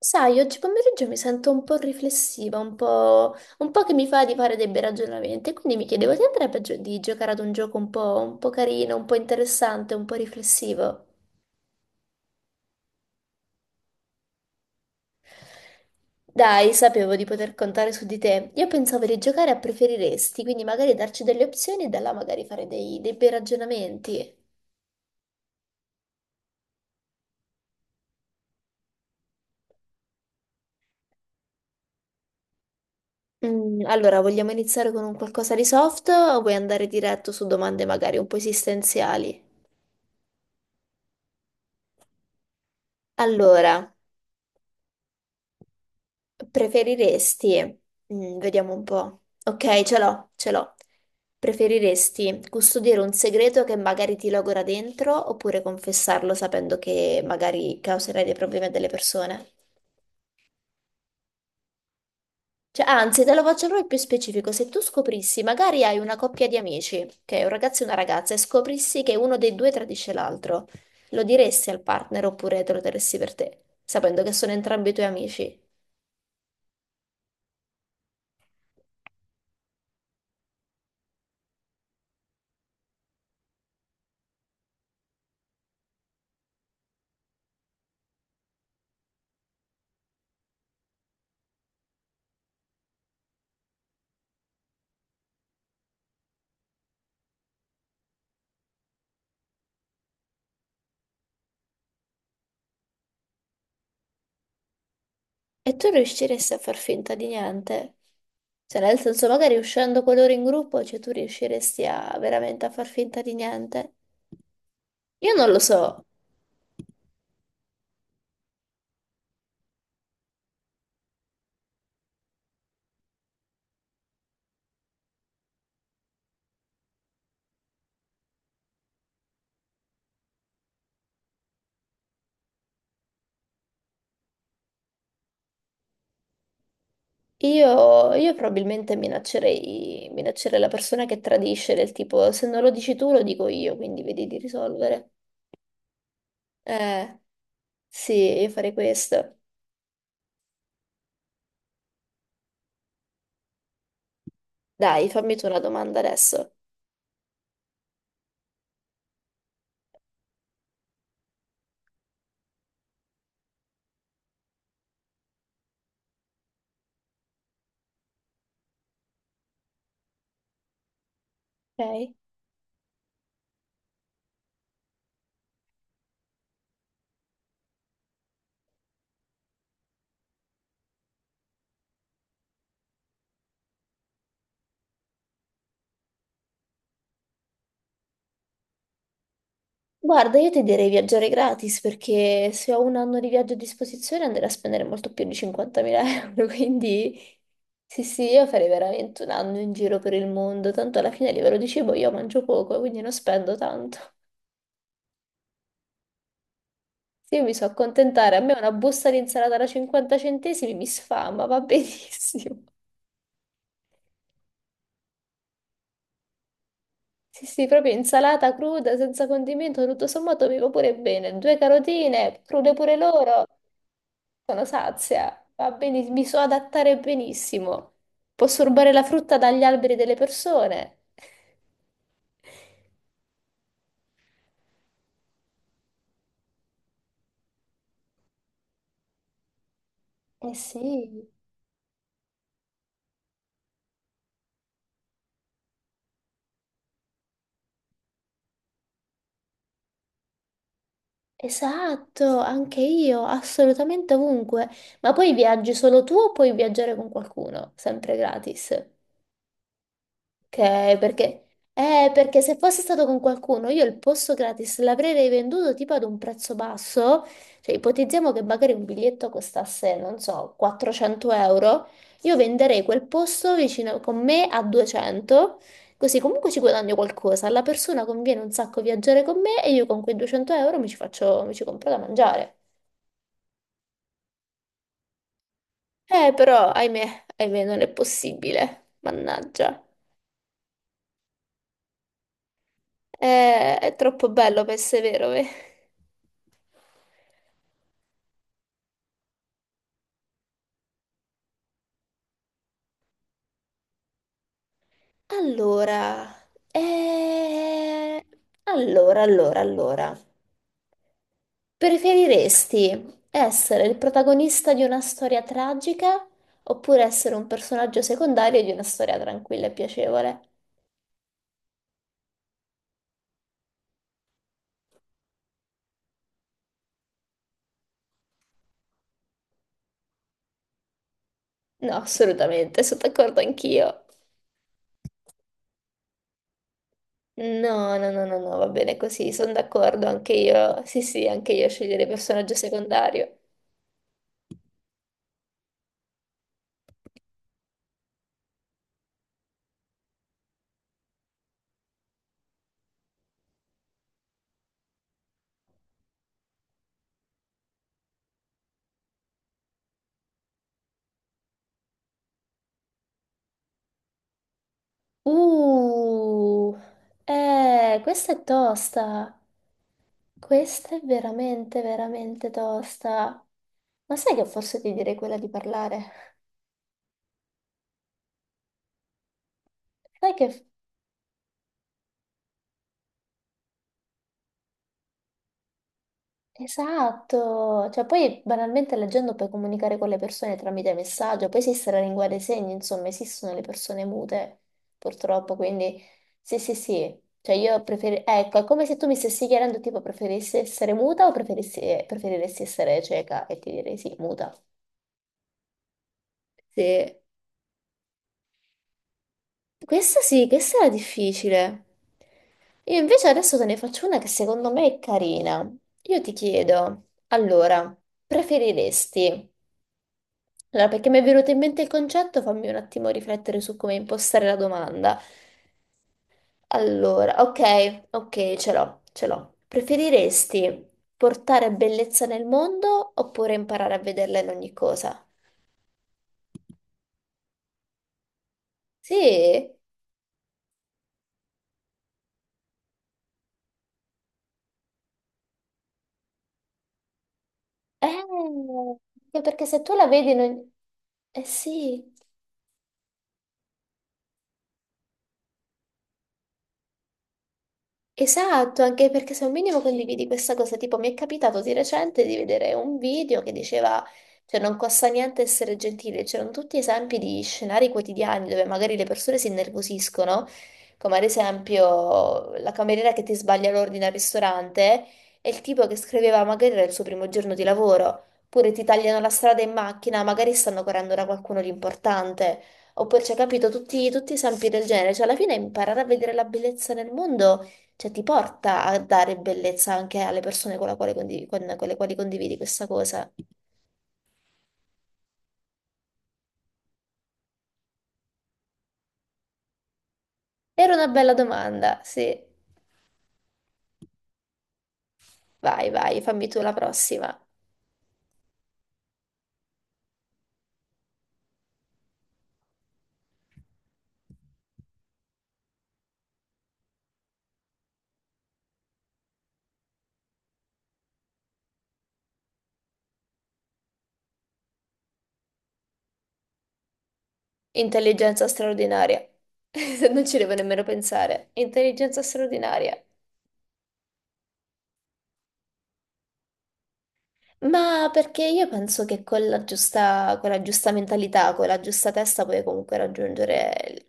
Sai, oggi pomeriggio mi sento un po' riflessiva, un po' che mi fa di fare dei bei ragionamenti, quindi mi chiedevo, ti andrebbe di giocare ad un gioco un po' carino, un po' interessante, un po' riflessivo? Dai, sapevo di poter contare su di te. Io pensavo di giocare a preferiresti, quindi magari darci delle opzioni e da là magari fare dei bei ragionamenti. Allora, vogliamo iniziare con un qualcosa di soft o vuoi andare diretto su domande magari un po' esistenziali? Allora. Preferiresti, vediamo un po'. Ok, ce l'ho. Preferiresti custodire un segreto che magari ti logora dentro oppure confessarlo sapendo che magari causerai dei problemi a delle persone? Cioè, anzi, te lo faccio proprio più specifico. Se tu scoprissi, magari hai una coppia di amici, ok, un ragazzo e una ragazza, e scoprissi che uno dei due tradisce l'altro, lo diresti al partner oppure te lo terresti per te, sapendo che sono entrambi i tuoi amici? E tu riusciresti a far finta di niente? Cioè, nel senso, magari uscendo con loro in gruppo, cioè tu riusciresti a veramente a far finta di niente? Io non lo so. Io probabilmente minaccerei la persona che tradisce, del tipo, se non lo dici tu, lo dico io, quindi vedi di risolvere. Eh, sì, io farei questo. Dai, fammi tu una domanda adesso. Ok? Guarda, io ti direi viaggiare gratis perché se ho un anno di viaggio a disposizione andrei a spendere molto più di 50.000 euro, quindi sì, sì, io farei veramente un anno in giro per il mondo, tanto alla fine a livello di cibo io mangio poco, quindi non spendo tanto. Sì, io mi so accontentare, a me una busta di insalata da 50 centesimi mi sfama, va benissimo. Sì, sì, proprio insalata cruda, senza condimento, tutto sommato mi va pure bene. Due carotine, crude pure loro. Sono sazia, va bene, mi so adattare benissimo. Posso rubare la frutta dagli alberi delle persone. Eh sì, esatto, anche io, assolutamente ovunque. Ma poi viaggi solo tu o puoi viaggiare con qualcuno? Sempre gratis. Ok, perché... perché se fosse stato con qualcuno, io il posto gratis l'avrei venduto tipo ad un prezzo basso, cioè ipotizziamo che magari un biglietto costasse, non so, 400 euro, io venderei quel posto vicino con me a 200, così comunque ci guadagno qualcosa, alla persona conviene un sacco viaggiare con me e io con quei 200 euro mi ci faccio, mi ci compro da mangiare. Però, ahimè, non è possibile, mannaggia. È troppo bello per essere vero, eh. Allora, eh, allora. Preferiresti essere il protagonista di una storia tragica oppure essere un personaggio secondario di una storia tranquilla e piacevole? No, assolutamente, sono d'accordo anch'io. No, va bene così, sono d'accordo anche io. Sì, sì, anche io sceglierei personaggio secondario. Uh, questa è tosta. Questa è veramente tosta. Ma sai che forse ti direi quella di parlare? Sai che... Esatto. Cioè, poi banalmente leggendo puoi comunicare con le persone tramite messaggio, poi esiste la lingua dei segni, insomma, esistono le persone mute, purtroppo, quindi sì. Cioè, io preferirei... Ecco, è come se tu mi stessi chiedendo, tipo, preferissi essere muta o preferissi... preferiresti essere cieca? E ti direi sì, muta. Sì. Questa sì, questa era difficile. Io invece adesso te ne faccio una che secondo me è carina. Io ti chiedo, allora, preferiresti... Allora, perché mi è venuto in mente il concetto, fammi un attimo riflettere su come impostare la domanda. Allora, ok, ce l'ho. Preferiresti portare bellezza nel mondo oppure imparare a vederla in ogni cosa? Sì? Anche perché se tu la vedi, non- eh sì, esatto, anche perché se un minimo condividi questa cosa, tipo mi è capitato di recente di vedere un video che diceva, cioè non costa niente essere gentile, c'erano tutti esempi di scenari quotidiani dove magari le persone si innervosiscono, come ad esempio la cameriera che ti sbaglia l'ordine al ristorante e il tipo che scriveva magari era il suo primo giorno di lavoro, oppure ti tagliano la strada in macchina, magari stanno correndo da qualcuno di importante, oppure c'è capito tutti esempi del genere, cioè alla fine imparare a vedere la bellezza nel mondo. Cioè, ti porta a dare bellezza anche alle persone con le quali condividi questa cosa. Era una bella domanda, sì. Vai, vai, fammi tu la prossima. Intelligenza straordinaria. Non ci devo nemmeno pensare. Intelligenza straordinaria. Ma perché io penso che con la giusta mentalità, con la giusta testa puoi comunque raggiungere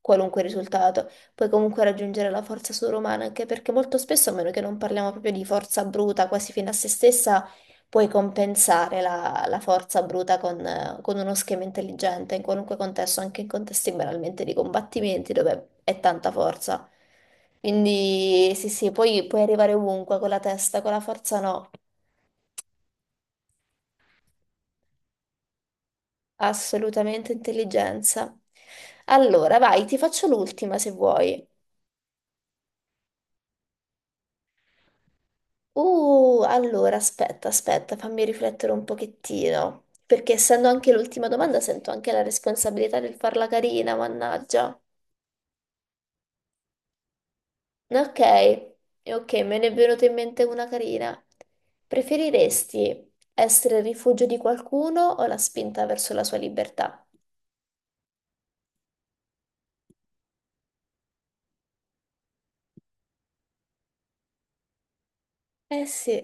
qualunque risultato, puoi comunque raggiungere la forza sovrumana, anche perché molto spesso, a meno che non parliamo proprio di forza bruta, quasi fino a se stessa, puoi compensare la forza bruta con uno schema intelligente, in qualunque contesto, anche in contesti banalmente di combattimenti dove è tanta forza. Quindi sì, sì, poi puoi arrivare ovunque con la testa, con la forza no. Assolutamente intelligenza. Allora, vai, ti faccio l'ultima se vuoi. Allora, aspetta, fammi riflettere un pochettino, perché essendo anche l'ultima domanda sento anche la responsabilità del farla carina, mannaggia. Ok, me ne è venuta in mente una carina. Preferiresti essere il rifugio di qualcuno o la spinta verso la sua libertà? Eh sì,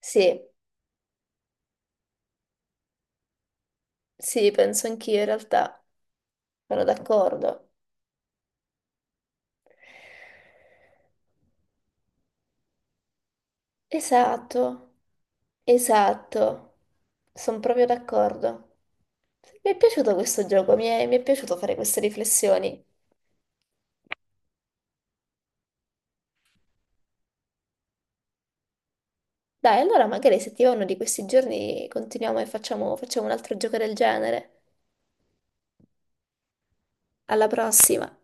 sì, sì, penso anch'io in realtà, sono d'accordo. Esatto, esatto, sono proprio d'accordo. Mi è piaciuto questo gioco, mi è piaciuto fare queste riflessioni. Dai, allora magari se ti va uno di questi giorni continuiamo e facciamo un altro gioco del genere. Alla prossima!